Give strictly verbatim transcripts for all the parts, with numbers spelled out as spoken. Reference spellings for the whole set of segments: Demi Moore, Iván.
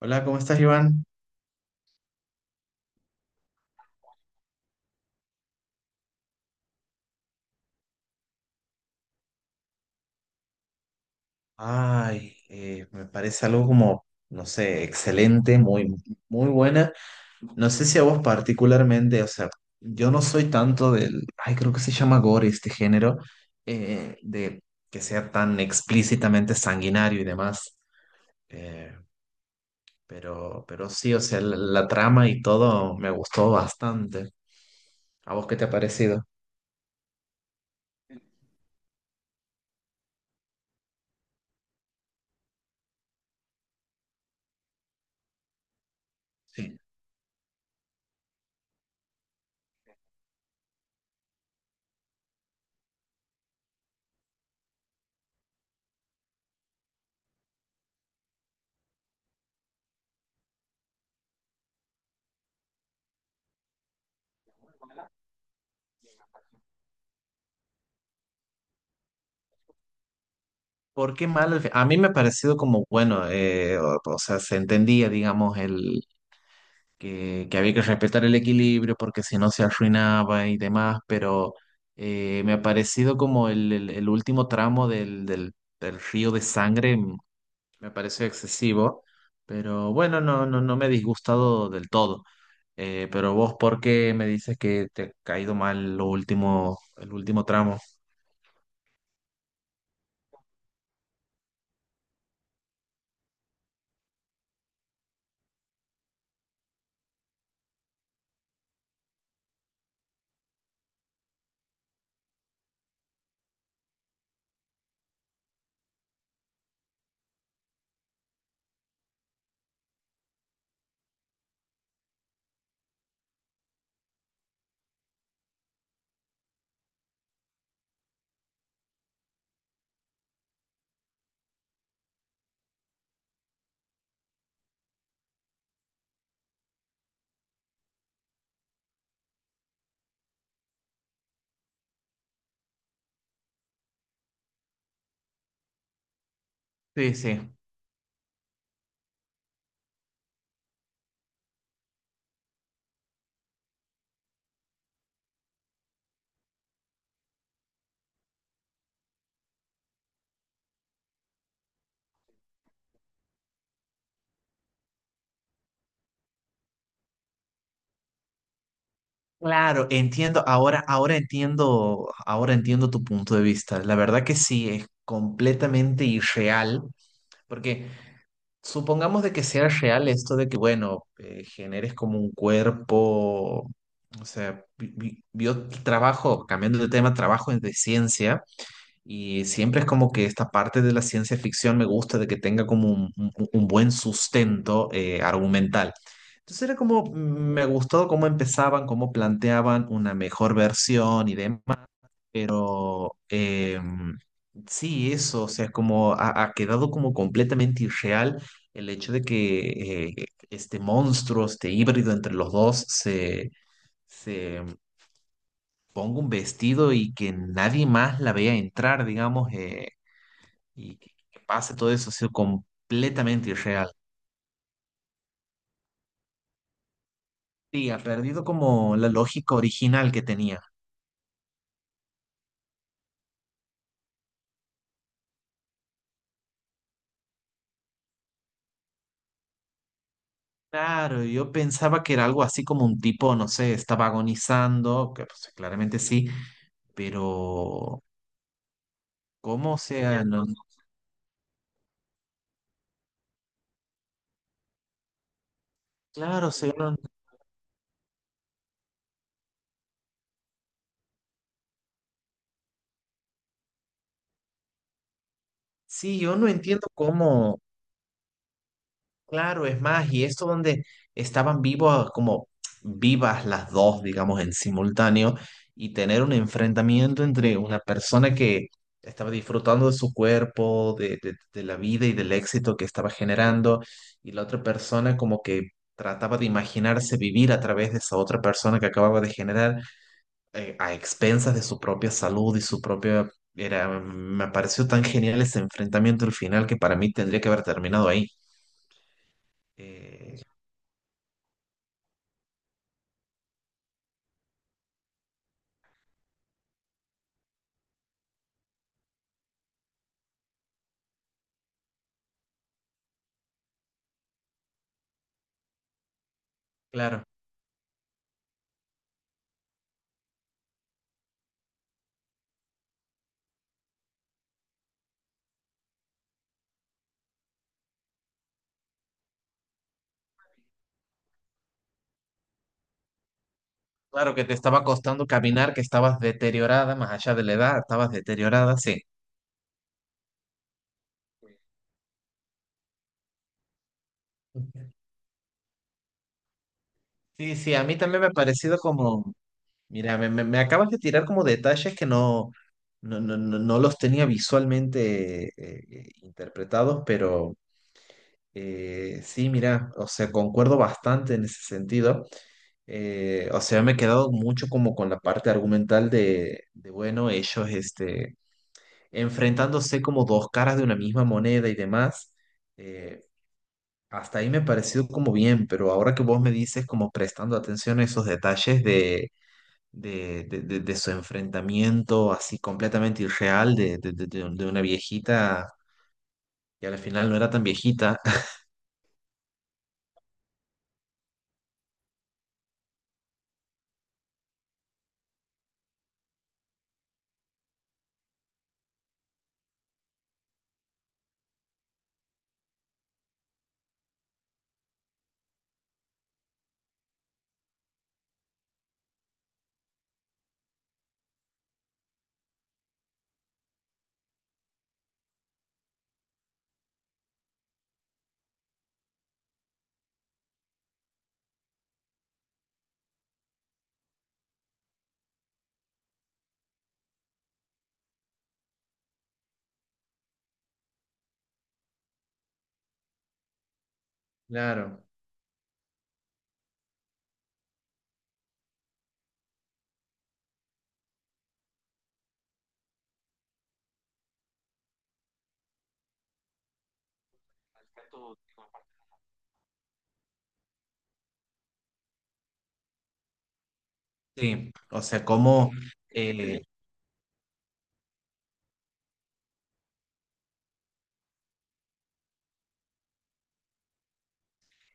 Hola, ¿cómo estás, Iván? Ay, eh, me parece algo como, no sé, excelente, muy, muy buena. No sé si a vos particularmente, o sea, yo no soy tanto del, ay, creo que se llama gore este género, eh, de que sea tan explícitamente sanguinario y demás. Eh, pero, pero sí, o sea, la, la trama y todo me gustó bastante. ¿A vos qué te ha parecido? Sí. ¿Por qué mal al fin? A mí me ha parecido como, bueno, eh, o, o sea, se entendía, digamos, el que, que había que respetar el equilibrio porque si no se arruinaba y demás, pero eh, me ha parecido como el, el- el último tramo del, del, del río de sangre, mm, me pareció excesivo, pero bueno, no, no, no me he disgustado del todo. Eh, pero vos, ¿por qué me dices que te ha caído mal lo último, el último tramo? Sí, sí. Claro, entiendo, ahora, ahora entiendo, ahora entiendo tu punto de vista. La verdad que sí, es completamente irreal, porque supongamos de que sea real esto de que, bueno, eh, generes como un cuerpo, o sea, vi- vi- yo trabajo, cambiando de tema, trabajo de ciencia y siempre es como que esta parte de la ciencia ficción me gusta de que tenga como un, un- un buen sustento eh, argumental. Entonces era como, mm, me gustó cómo empezaban, cómo planteaban una mejor versión y demás. Pero eh, sí, eso, o sea, es como ha, ha quedado como completamente irreal el hecho de que eh, este monstruo, este híbrido entre los dos, se, se ponga un vestido y que nadie más la vea entrar, digamos, eh, y que, que pase todo eso, ha sido completamente irreal. Sí, ha perdido como la lógica original que tenía. Claro, yo pensaba que era algo así como un tipo, no sé, estaba agonizando, que pues, claramente sí, pero ¿cómo? O sea, no, no, claro, o sea, no- sí, yo no entiendo cómo, claro, es más, y esto donde estaban vivos, como vivas las dos, digamos, en simultáneo, y tener un enfrentamiento entre una persona que estaba disfrutando de su cuerpo, de, de, de la vida y del éxito que estaba generando, y la otra persona como que trataba de imaginarse vivir a través de esa otra persona que acababa de generar eh, a expensas de su propia salud y su propia... Era, me pareció tan genial ese enfrentamiento al final que para mí tendría que haber terminado ahí. Eh, claro, claro que te estaba costando caminar, que estabas deteriorada, más allá de la edad, estabas deteriorada, sí. Sí, sí, a mí también me ha parecido como, mira, me, me- me acabas de tirar como detalles que no, no, no, no no los tenía visualmente eh, eh, interpretados, pero... Eh, sí, mira, o sea, concuerdo bastante en ese sentido. Eh, o sea, me he quedado mucho como con la parte argumental de, de, bueno, ellos este, enfrentándose como dos caras de una misma moneda y demás. Eh, hasta ahí me ha parecido como bien, pero ahora que vos me dices como prestando atención a esos detalles de, de, de, de- de su enfrentamiento así completamente irreal de, de, de, de de una viejita y al final no era tan viejita. Claro. Sí, o sea, como eh,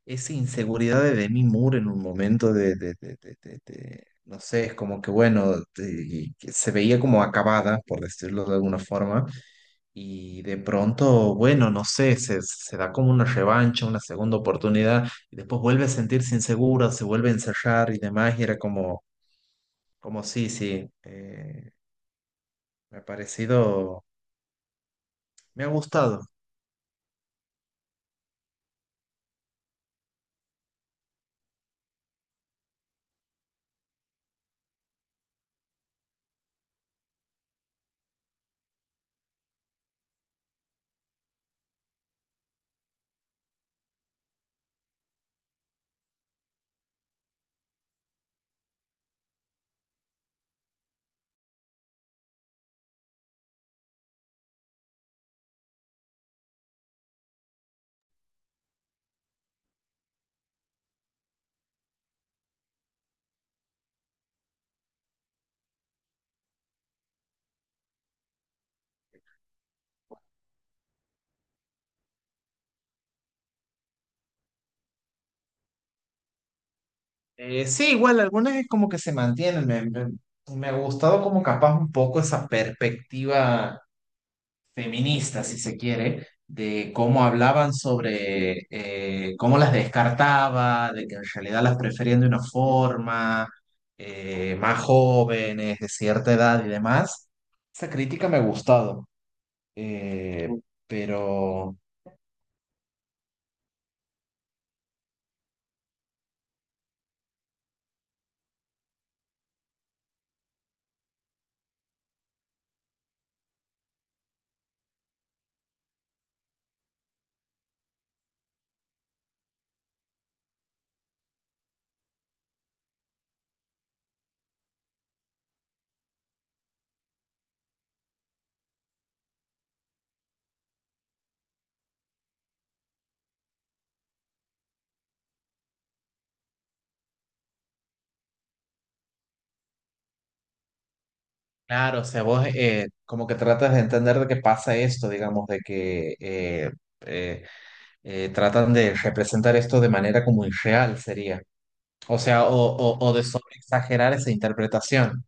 esa inseguridad de Demi Moore en un momento de, de- de- de- de- de- no sé, es como que bueno, de- que se veía como acabada, por decirlo de alguna forma, y de pronto, bueno, no sé, se, se da como una revancha, una segunda oportunidad, y después vuelve a sentirse insegura, se vuelve a ensayar y demás, y era como, como sí, sí, eh, me ha parecido, me ha gustado. Eh, sí, igual algunas es como que se mantienen. Me, me, me ha gustado como capaz un poco esa perspectiva feminista, si se quiere, de cómo hablaban sobre eh, cómo las descartaba, de que en realidad las preferían de una forma, eh, más jóvenes, de cierta edad y demás. Esa crítica me ha gustado. Eh, pero claro, o sea, vos eh, como que tratas de entender de qué pasa esto, digamos, de que... eh, eh, eh, tratan de representar esto de manera como irreal sería. O sea, o, o, o de sobreexagerar esa interpretación.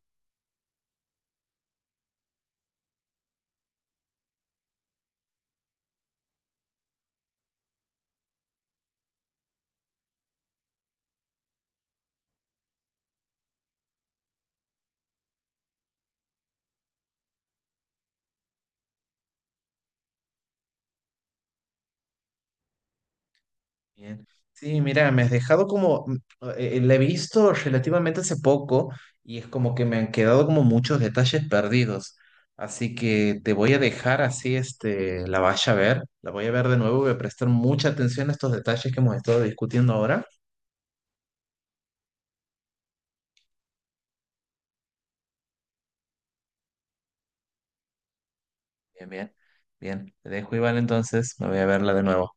Bien. Sí, mira, me has dejado como, mm, eh, la he visto relativamente hace poco y es como que me han quedado como muchos detalles perdidos. Así que te voy a dejar así, este, la vaya a ver, la voy a ver de nuevo, voy a prestar mucha atención a estos detalles que hemos estado discutiendo ahora. Bien, bien, bien. Te dejo, Iván, entonces. Me voy a verla de nuevo.